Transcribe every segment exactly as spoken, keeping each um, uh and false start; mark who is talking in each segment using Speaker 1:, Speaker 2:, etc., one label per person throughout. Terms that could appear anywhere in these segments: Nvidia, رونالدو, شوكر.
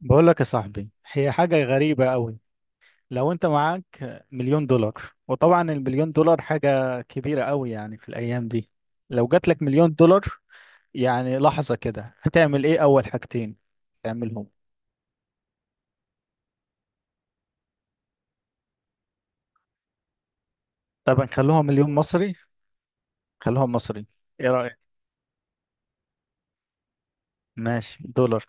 Speaker 1: بقول لك يا صاحبي، هي حاجة غريبة قوي. لو انت معاك مليون دولار. وطبعا المليون دولار حاجة كبيرة قوي يعني في الأيام دي. لو جات لك مليون دولار يعني لحظة كده هتعمل ايه أول حاجتين تعملهم؟ طبعا خلوها مليون مصري، خلوها مصري. ايه رأيك؟ ماشي دولار.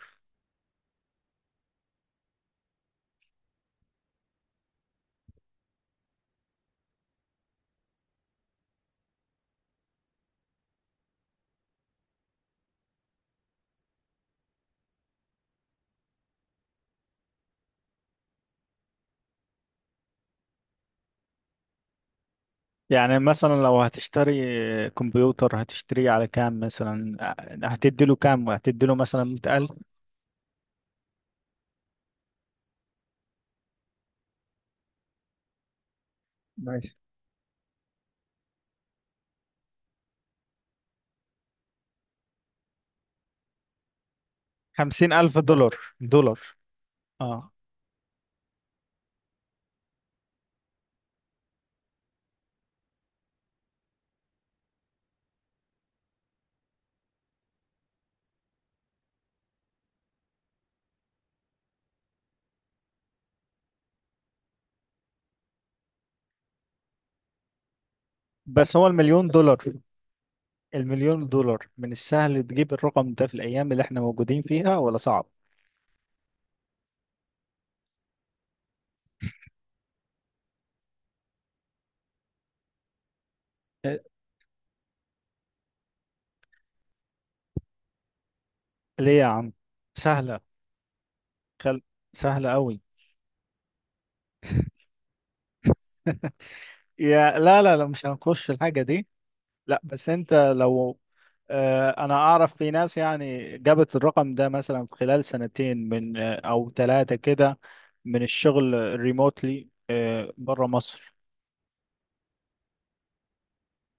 Speaker 1: يعني مثلا لو هتشتري كمبيوتر هتشتريه على كام مثلا؟ هتديله كام؟ هتديله مثلا مية ألف؟ ماشي. خمسين ألف دولار دولار؟ اه. بس هو المليون دولار، المليون دولار من السهل تجيب الرقم ده في الأيام اللي احنا موجودين فيها ولا صعب؟ إيه، ليه يا عم؟ سهلة، خل... سهلة أوي. يا لا لا لا، مش هنخش الحاجة دي. لا بس انت لو، آه، انا اعرف في ناس يعني جابت الرقم ده مثلا في خلال سنتين من آه، او ثلاثة كده، من الشغل ريموتلي بره مصر.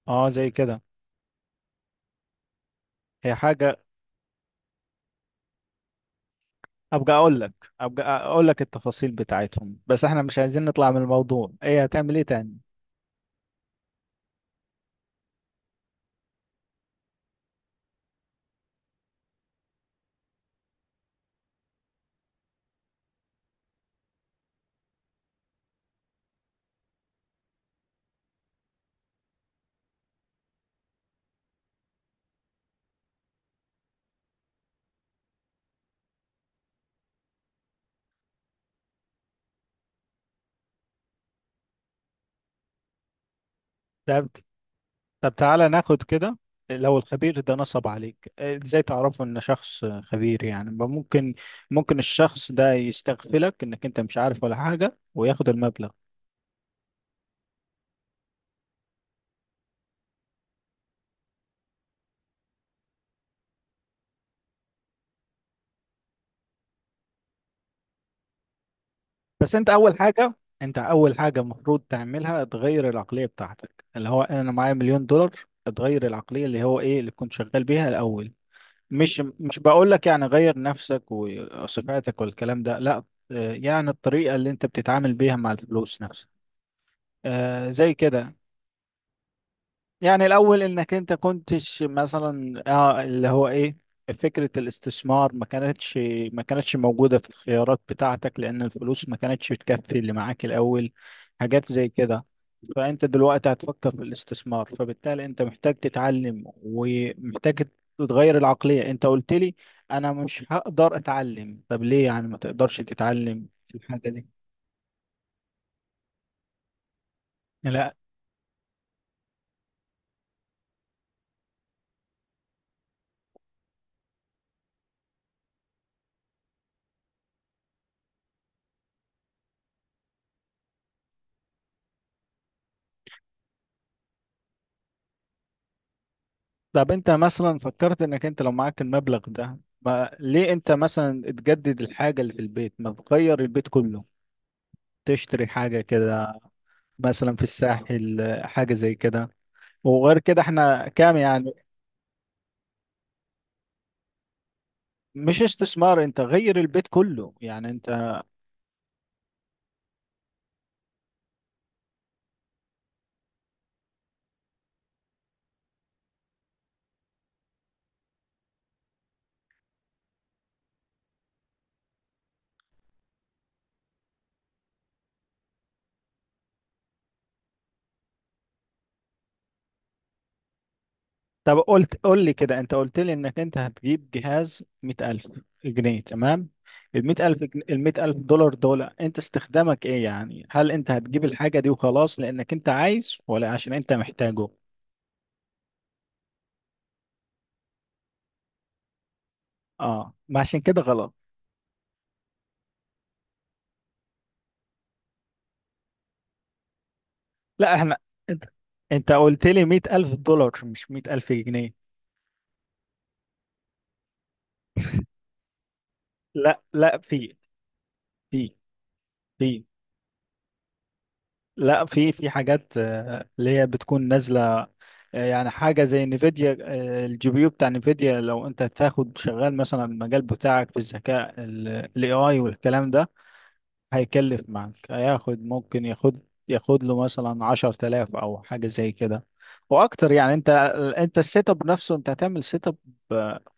Speaker 1: اه زي كده. هي حاجة. ابقى اقول لك ابقى اقول لك التفاصيل بتاعتهم، بس احنا مش عايزين نطلع من الموضوع. ايه هتعمل ايه تاني؟ طب طب تعالى ناخد كده. لو الخبير ده نصب عليك إيه، ازاي تعرفه ان شخص خبير؟ يعني ما ممكن، ممكن الشخص ده يستغفلك انك انت مش عارف ولا حاجة وياخد المبلغ. بس انت اول حاجة، انت اول حاجة المفروض تعملها تغير العقلية بتاعتك، اللي هو انا معايا مليون دولار. تغير العقلية، اللي هو ايه اللي كنت شغال بيها الاول. مش مش بقول لك يعني غير نفسك وصفاتك والكلام ده، لا. آه، يعني الطريقة اللي انت بتتعامل بيها مع الفلوس نفسها، آه، زي كده. يعني الأول إنك أنت كنتش مثلا آه اللي هو إيه، فكرة الاستثمار ما كانتش ما كانتش موجودة في الخيارات بتاعتك، لأن الفلوس ما كانتش تكفي اللي معاك الأول، حاجات زي كده. فأنت دلوقتي هتفكر في الاستثمار، فبالتالي أنت محتاج تتعلم ومحتاج تتغير العقلية. أنت قلت لي أنا مش هقدر أتعلم، طب ليه يعني ما تقدرش تتعلم في الحاجة دي؟ لا. طب انت مثلا فكرت انك انت لو معاك المبلغ ده، ما ليه انت مثلا تجدد الحاجة اللي في البيت، ما تغير البيت كله، تشتري حاجة كده، مثلا في الساحل، حاجة زي كده؟ وغير كده احنا كام يعني؟ مش استثمار، انت غير البيت كله يعني انت. طب قلت قول لي كده، انت قلت لي انك انت هتجيب جهاز مئة ألف جنيه، تمام. المئة ألف جن... المئة ألف دولار دول، أنت استخدامك إيه يعني؟ هل أنت هتجيب الحاجة دي وخلاص لأنك أنت عايز ولا عشان أنت محتاجه؟ اه، ما عشان كده غلط. لا احنا، انت انت قلت لي مئة ألف دولار مش مئة ألف جنيه. لا لا، في في في لا في في حاجات آه، اللي هي بتكون نازلة. آه، يعني حاجة زي نفيديا، آه، الجي بي يو بتاع نفيديا، لو انت تاخد شغال مثلا المجال بتاعك في الذكاء الاي اي والكلام ده، هيكلف معاك، هياخد، ممكن ياخد ياخد له مثلا عشر تلاف أو حاجة زي كده وأكتر يعني. أنت، أنت السيت أب نفسه، أنت هتعمل سيت أب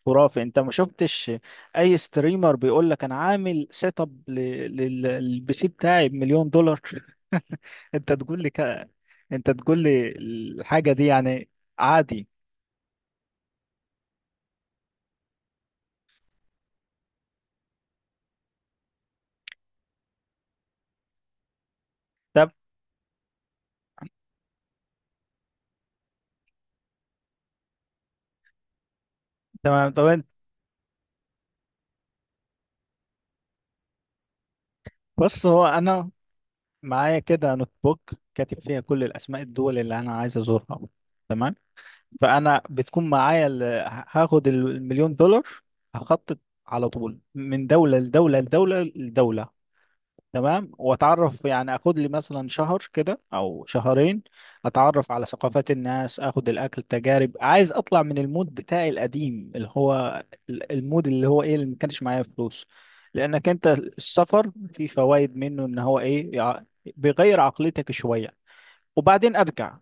Speaker 1: خرافي. أنت ما شفتش أي ستريمر بيقول لك أنا عامل سيت أب للبي سي بتاعي بمليون دولار؟ أنت تقول لي كده، أنت تقول لي الحاجة دي يعني عادي. طب تمام، طب أنت. بص هو أنا معايا كده نوت بوك، كاتب فيها كل الأسماء، الدول اللي أنا عايز أزورها، تمام؟ فانا بتكون معايا ال- هاخد المليون دولار، هخطط على طول من دوله لدوله لدوله لدوله، تمام؟ واتعرف يعني، اخد لي مثلا شهر كده او شهرين، اتعرف على ثقافات الناس، اخد الاكل، تجارب، عايز اطلع من المود بتاعي القديم، اللي هو ال- المود اللي هو ايه، اللي ما كانش معايا فلوس، لانك انت السفر فيه فوائد منه، ان هو ايه، يع- بيغير عقليتك شويه. وبعدين ارجع،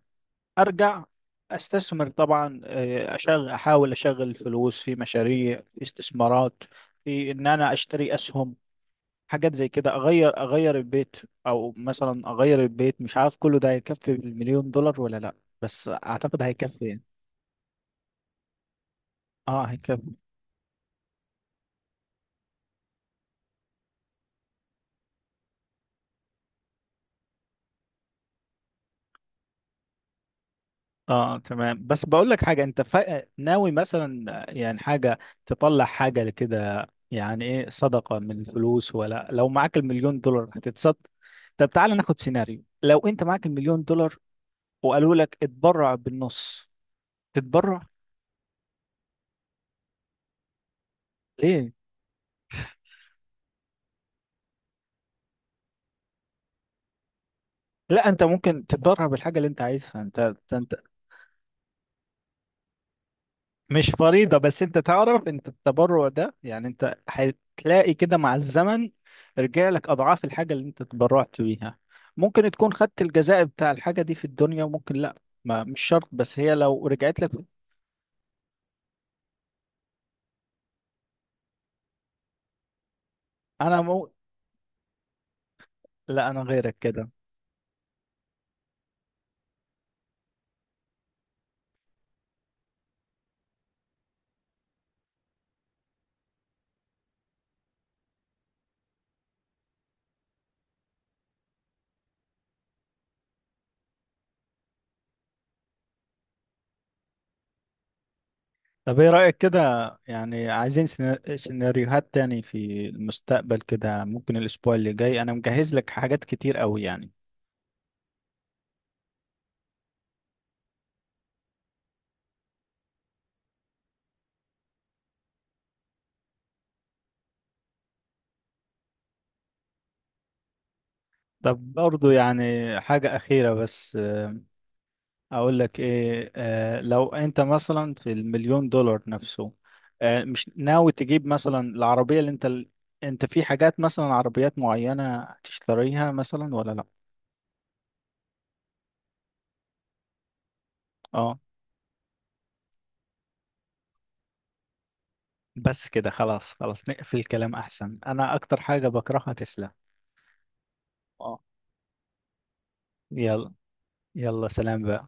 Speaker 1: ارجع استثمر طبعا، آه، اشغل، احاول اشغل فلوس في مشاريع، في استثمارات، في ان انا اشتري اسهم، حاجات زي كده. اغير اغير البيت، او مثلا اغير البيت، مش عارف كله ده هيكفي بالمليون دولار ولا لا؟ بس اعتقد هيكفي يعني. اه هيكفي. اه تمام، بس بقول لك حاجه. انت فا... ناوي مثلا يعني حاجه تطلع حاجه كده يعني ايه، صدقه من الفلوس، ولا لو معاك المليون دولار هتتصدق؟ طب تعالى ناخد سيناريو، لو انت معاك المليون دولار وقالوا لك اتبرع بالنص، تتبرع؟ ليه؟ لا انت ممكن تتبرع بالحاجه اللي انت عايزها، انت انت مش فريضة، بس انت تعرف انت التبرع ده يعني انت هتلاقي كده مع الزمن رجع لك اضعاف الحاجة اللي انت تبرعت بيها. ممكن تكون خدت الجزاء بتاع الحاجة دي في الدنيا، وممكن لا. ما مش شرط، بس هي لو رجعت لك. انا مو، لا انا غيرك كده. طب ايه رأيك كده، يعني عايزين سينا- سيناريوهات تاني في المستقبل كده؟ ممكن الاسبوع اللي جاي انا مجهز لك حاجات كتير قوي يعني. طب برضو يعني حاجة أخيرة بس، اقول لك ايه، آه لو انت مثلا في المليون دولار نفسه، آه مش ناوي تجيب مثلا العربية؟ اللي انت ال... انت في حاجات مثلا عربيات معينة هتشتريها مثلا ولا لا؟ اه. بس كده خلاص، خلاص نقفل الكلام احسن، انا اكتر حاجة بكرهها تسلا. اه، يلا، يلا سلام بقى.